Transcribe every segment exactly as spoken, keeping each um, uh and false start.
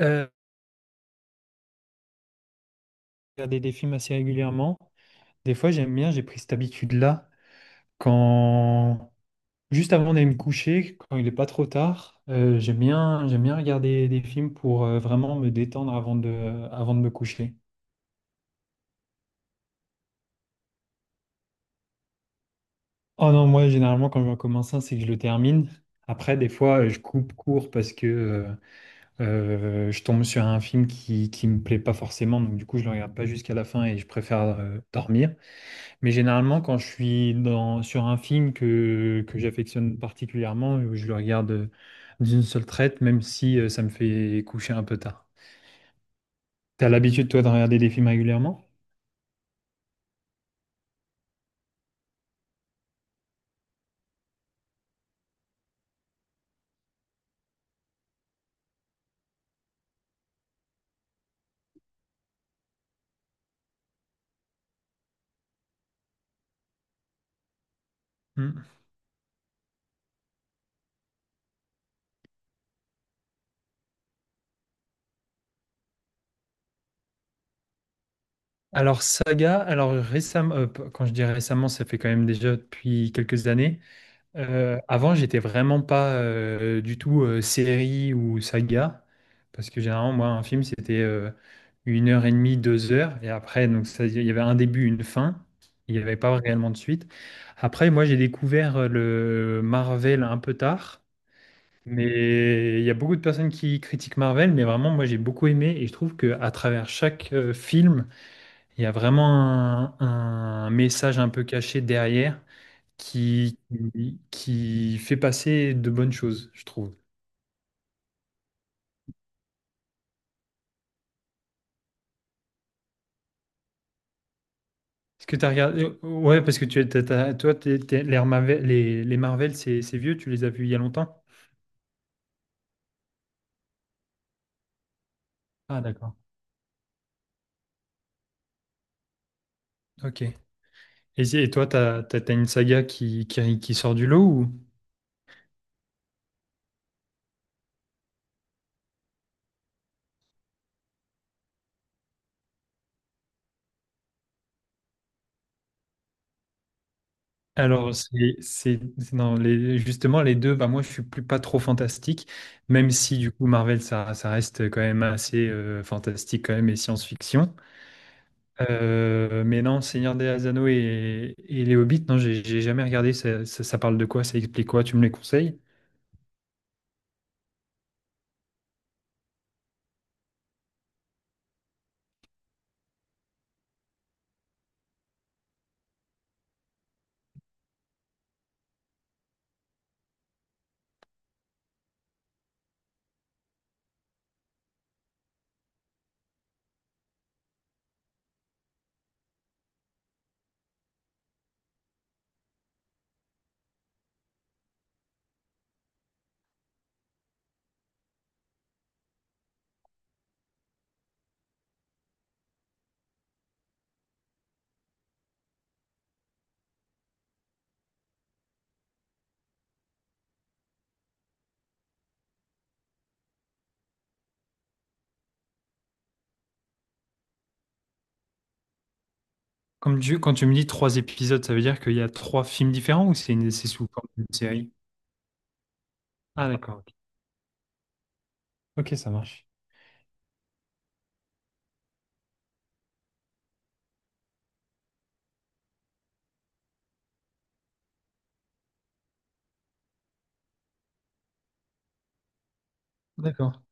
Euh, regarder des films assez régulièrement. Des fois, j'aime bien, j'ai pris cette habitude-là. Quand juste avant d'aller me coucher, quand il n'est pas trop tard, euh, j'aime bien, j'aime bien regarder des films pour euh, vraiment me détendre avant de, avant de me coucher. Oh non, moi, généralement, quand je commence un, c'est que je le termine. Après, des fois, euh, je coupe court parce que euh, euh, je tombe sur un film qui, qui me plaît pas forcément. Donc, du coup, je le regarde pas jusqu'à la fin et je préfère euh, dormir. Mais généralement, quand je suis dans, sur un film que, que j'affectionne particulièrement, je le regarde euh, d'une seule traite, même si euh, ça me fait coucher un peu tard. T'as l'habitude, toi, de regarder des films régulièrement? Hmm. Alors, saga, alors récemment, euh, p- quand je dis récemment, ça fait quand même déjà depuis quelques années. Euh, avant, j'étais vraiment pas euh, du tout euh, série ou saga, parce que généralement, moi, un film, c'était euh, une heure et demie, deux heures, et après, donc ça, il y avait un début, une fin, il n'y avait pas réellement de suite. Après, moi, j'ai découvert euh, le Marvel un peu tard, mais il y a beaucoup de personnes qui critiquent Marvel, mais vraiment, moi, j'ai beaucoup aimé, et je trouve que à travers chaque euh, film, il y a vraiment un un message un peu caché derrière qui, qui qui fait passer de bonnes choses, je trouve. Est-ce que tu as regardé? Ouais, parce que tu, t'as- t'as- toi, t'es- t'es- les Marvel, les, les Marvel, c'est c'est vieux, tu les as vus il y a longtemps? Ah, d'accord. Ok. Et, et toi, t'as t'as t'as une saga qui, qui, qui sort du lot ou? Alors, c'est, c'est, c'est- non, les, justement, les deux, bah, moi, je suis plus pas trop fantastique, même si, du coup, Marvel, ça, ça reste quand même assez euh, fantastique quand même et science-fiction. Euh, mais non, Seigneur des Anneaux et, et les Hobbits, non, j'ai j'ai jamais regardé. Ça, ça- ça parle de quoi? Ça explique quoi? Tu me les conseilles? Comme tu, quand tu me dis trois épisodes, ça veut dire qu'il y a trois films différents ou c'est une, c'est sous forme d'une série? Ah, d'accord. Ok, Ok, ça marche. D'accord.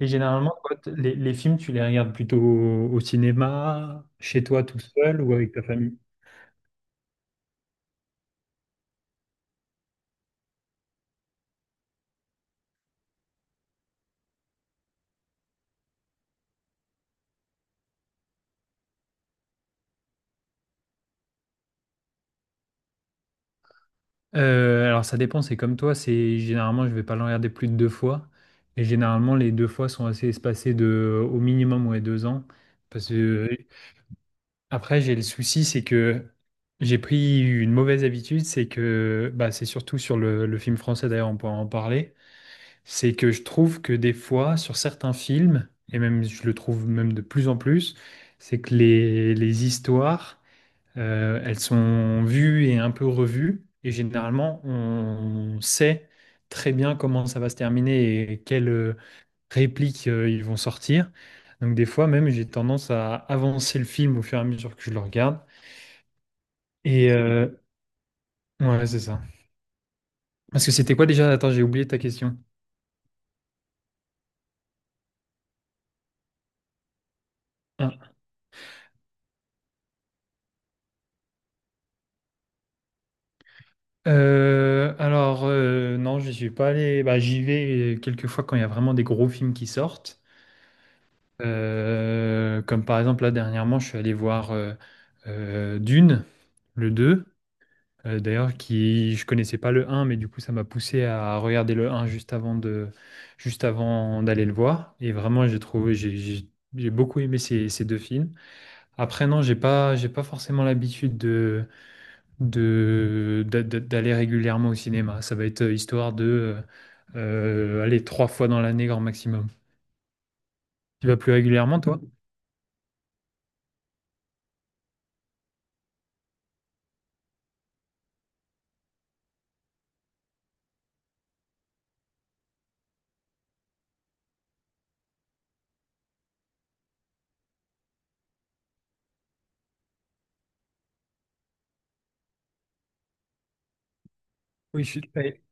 Et généralement, toi, t- les, les films, tu les regardes plutôt au, au cinéma, chez toi tout seul ou avec ta famille? Heu, alors ça dépend, c'est comme toi, c'est généralement je vais pas le regarder plus de deux fois et généralement les deux fois sont assez espacées de au minimum, ouais, deux ans parce que après j'ai le souci, c'est que j'ai pris une mauvaise habitude, c'est que, bah, c'est surtout sur le le film français d'ailleurs, on pourra en parler, c'est que je trouve que des fois sur certains films et même je le trouve même de plus en plus, c'est que les les histoires euh, elles sont vues et un peu revues. Et généralement, on sait très bien comment ça va se terminer et quelles euh, répliques euh, ils vont sortir. Donc des fois même, j'ai tendance à avancer le film au fur et à mesure que je le regarde. Et euh, ouais, c'est ça. Parce que c'était quoi déjà? Attends, j'ai oublié ta question. Ah. Euh, alors, euh, non, je suis pas allé. Bah, j'y vais euh, quelques fois quand il y a vraiment des gros films qui sortent. Euh, comme par exemple, là, dernièrement, je suis allé voir euh, euh, Dune, le deux, euh, d'ailleurs, qui je connaissais pas le un, mais du coup, ça m'a poussé à regarder le un juste avant de, juste avant d'aller le voir. Et vraiment, j'ai trouvé, j'ai j'ai- j'ai beaucoup aimé ces, ces deux films. Après, non, j'ai pas, j'ai pas forcément l'habitude de, de, d'a- d'a- d'aller régulièrement au cinéma. Ça va être euh, histoire de euh, euh, aller trois fois dans l'année, grand maximum. Tu vas plus régulièrement, toi? Oui, je suis. Eh.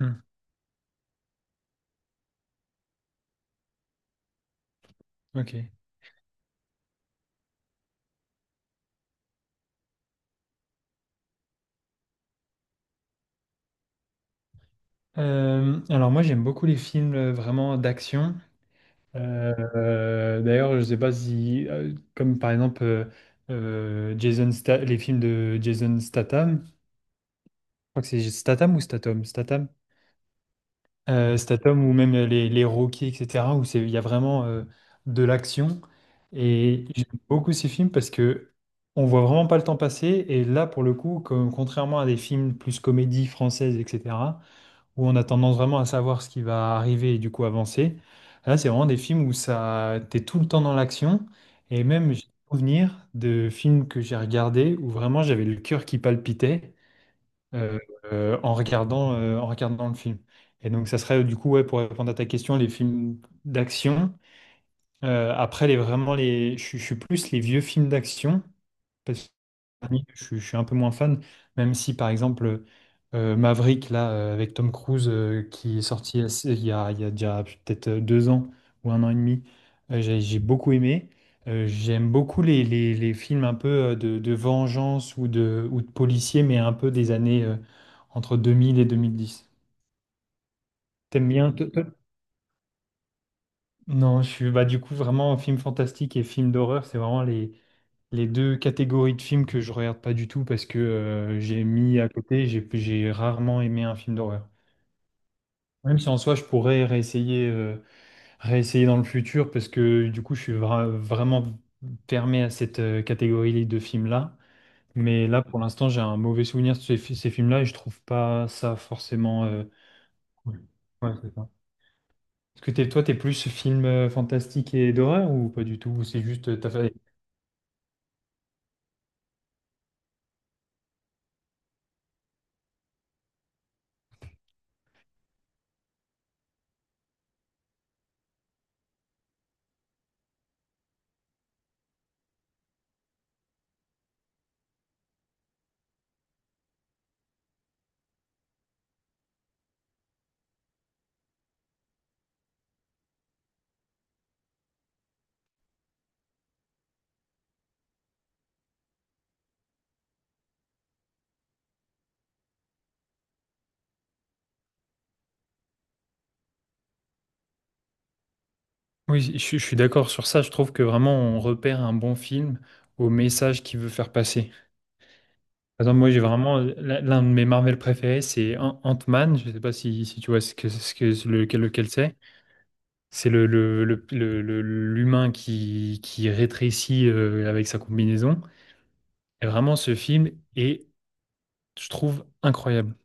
Hmm, ok. Euh, alors moi j'aime beaucoup les films euh, vraiment d'action. Euh, euh, d'ailleurs je sais pas si euh, comme par exemple euh, euh, Jason Sta- les films de Jason Statham, je crois que c'est Statham ou Statham, Statham, Euh, Statham ou même les, les Rocky et cetera où c'est il y a vraiment euh, de l'action et j'aime beaucoup ces films parce que on voit vraiment pas le temps passer et là pour le coup comme- contrairement à des films plus comédie française et cetera où on a tendance vraiment à savoir ce qui va arriver et du coup avancer. Là, c'est vraiment des films où ça, t'es tout le temps dans l'action. Et même, j'ai des souvenirs de films que j'ai regardés où vraiment j'avais le cœur qui palpitait euh, euh, en regardant, euh, en regardant le film. Et donc, ça serait du coup, ouais, pour répondre à ta question, les films d'action. Euh, après, les, vraiment, les, je, suis je suis plus les vieux films d'action. Titanic, Je, suis je suis un peu moins fan, même si par exemple euh, Maverick, là, euh, avec Tom Cruise, euh, qui est sorti assez- il y a, il y a déjà peut-être euh, deux ans ou un an et demi, euh, j'ai j'ai beaucoup aimé. Euh, j'aime beaucoup les, les- les films un peu euh, de, de vengeance ou de, ou de policiers, mais un peu des années euh, entre deux mille et deux mille dix. T'aimes bien? toi- toi non, je suis bah, du coup vraiment film fantastique et film d'horreur, c'est vraiment les, les deux catégories de films que je regarde pas du tout parce que euh, j'ai mis à côté, j'ai j'ai rarement aimé un film d'horreur. Même si en soi je pourrais réessayer, euh, réessayer dans le futur parce que du coup je suis vra- vraiment fermé à cette euh, catégorie de films-là. Mais là pour l'instant j'ai un mauvais souvenir de ces, fi- ces films-là et je trouve pas ça forcément euh, cool. Ouais, c'est ça. Est-ce que t'es, toi t'es plus film euh, fantastique et d'horreur ou pas du tout? Ou c'est juste euh, t'as fait. Oui, je, suis je suis d'accord sur ça. Je trouve que vraiment on repère un bon film au message qu'il veut faire passer. Par exemple, moi j'ai vraiment l'un l'un de mes Marvel préférés, c'est An- Ant-Man. Je sais pas si, si tu vois ce que, ce que- lequel, lequel c'est. C'est le, le, le- le- le- l'humain qui, qui rétrécit euh, avec sa combinaison. Et vraiment, ce film est, je trouve, incroyable.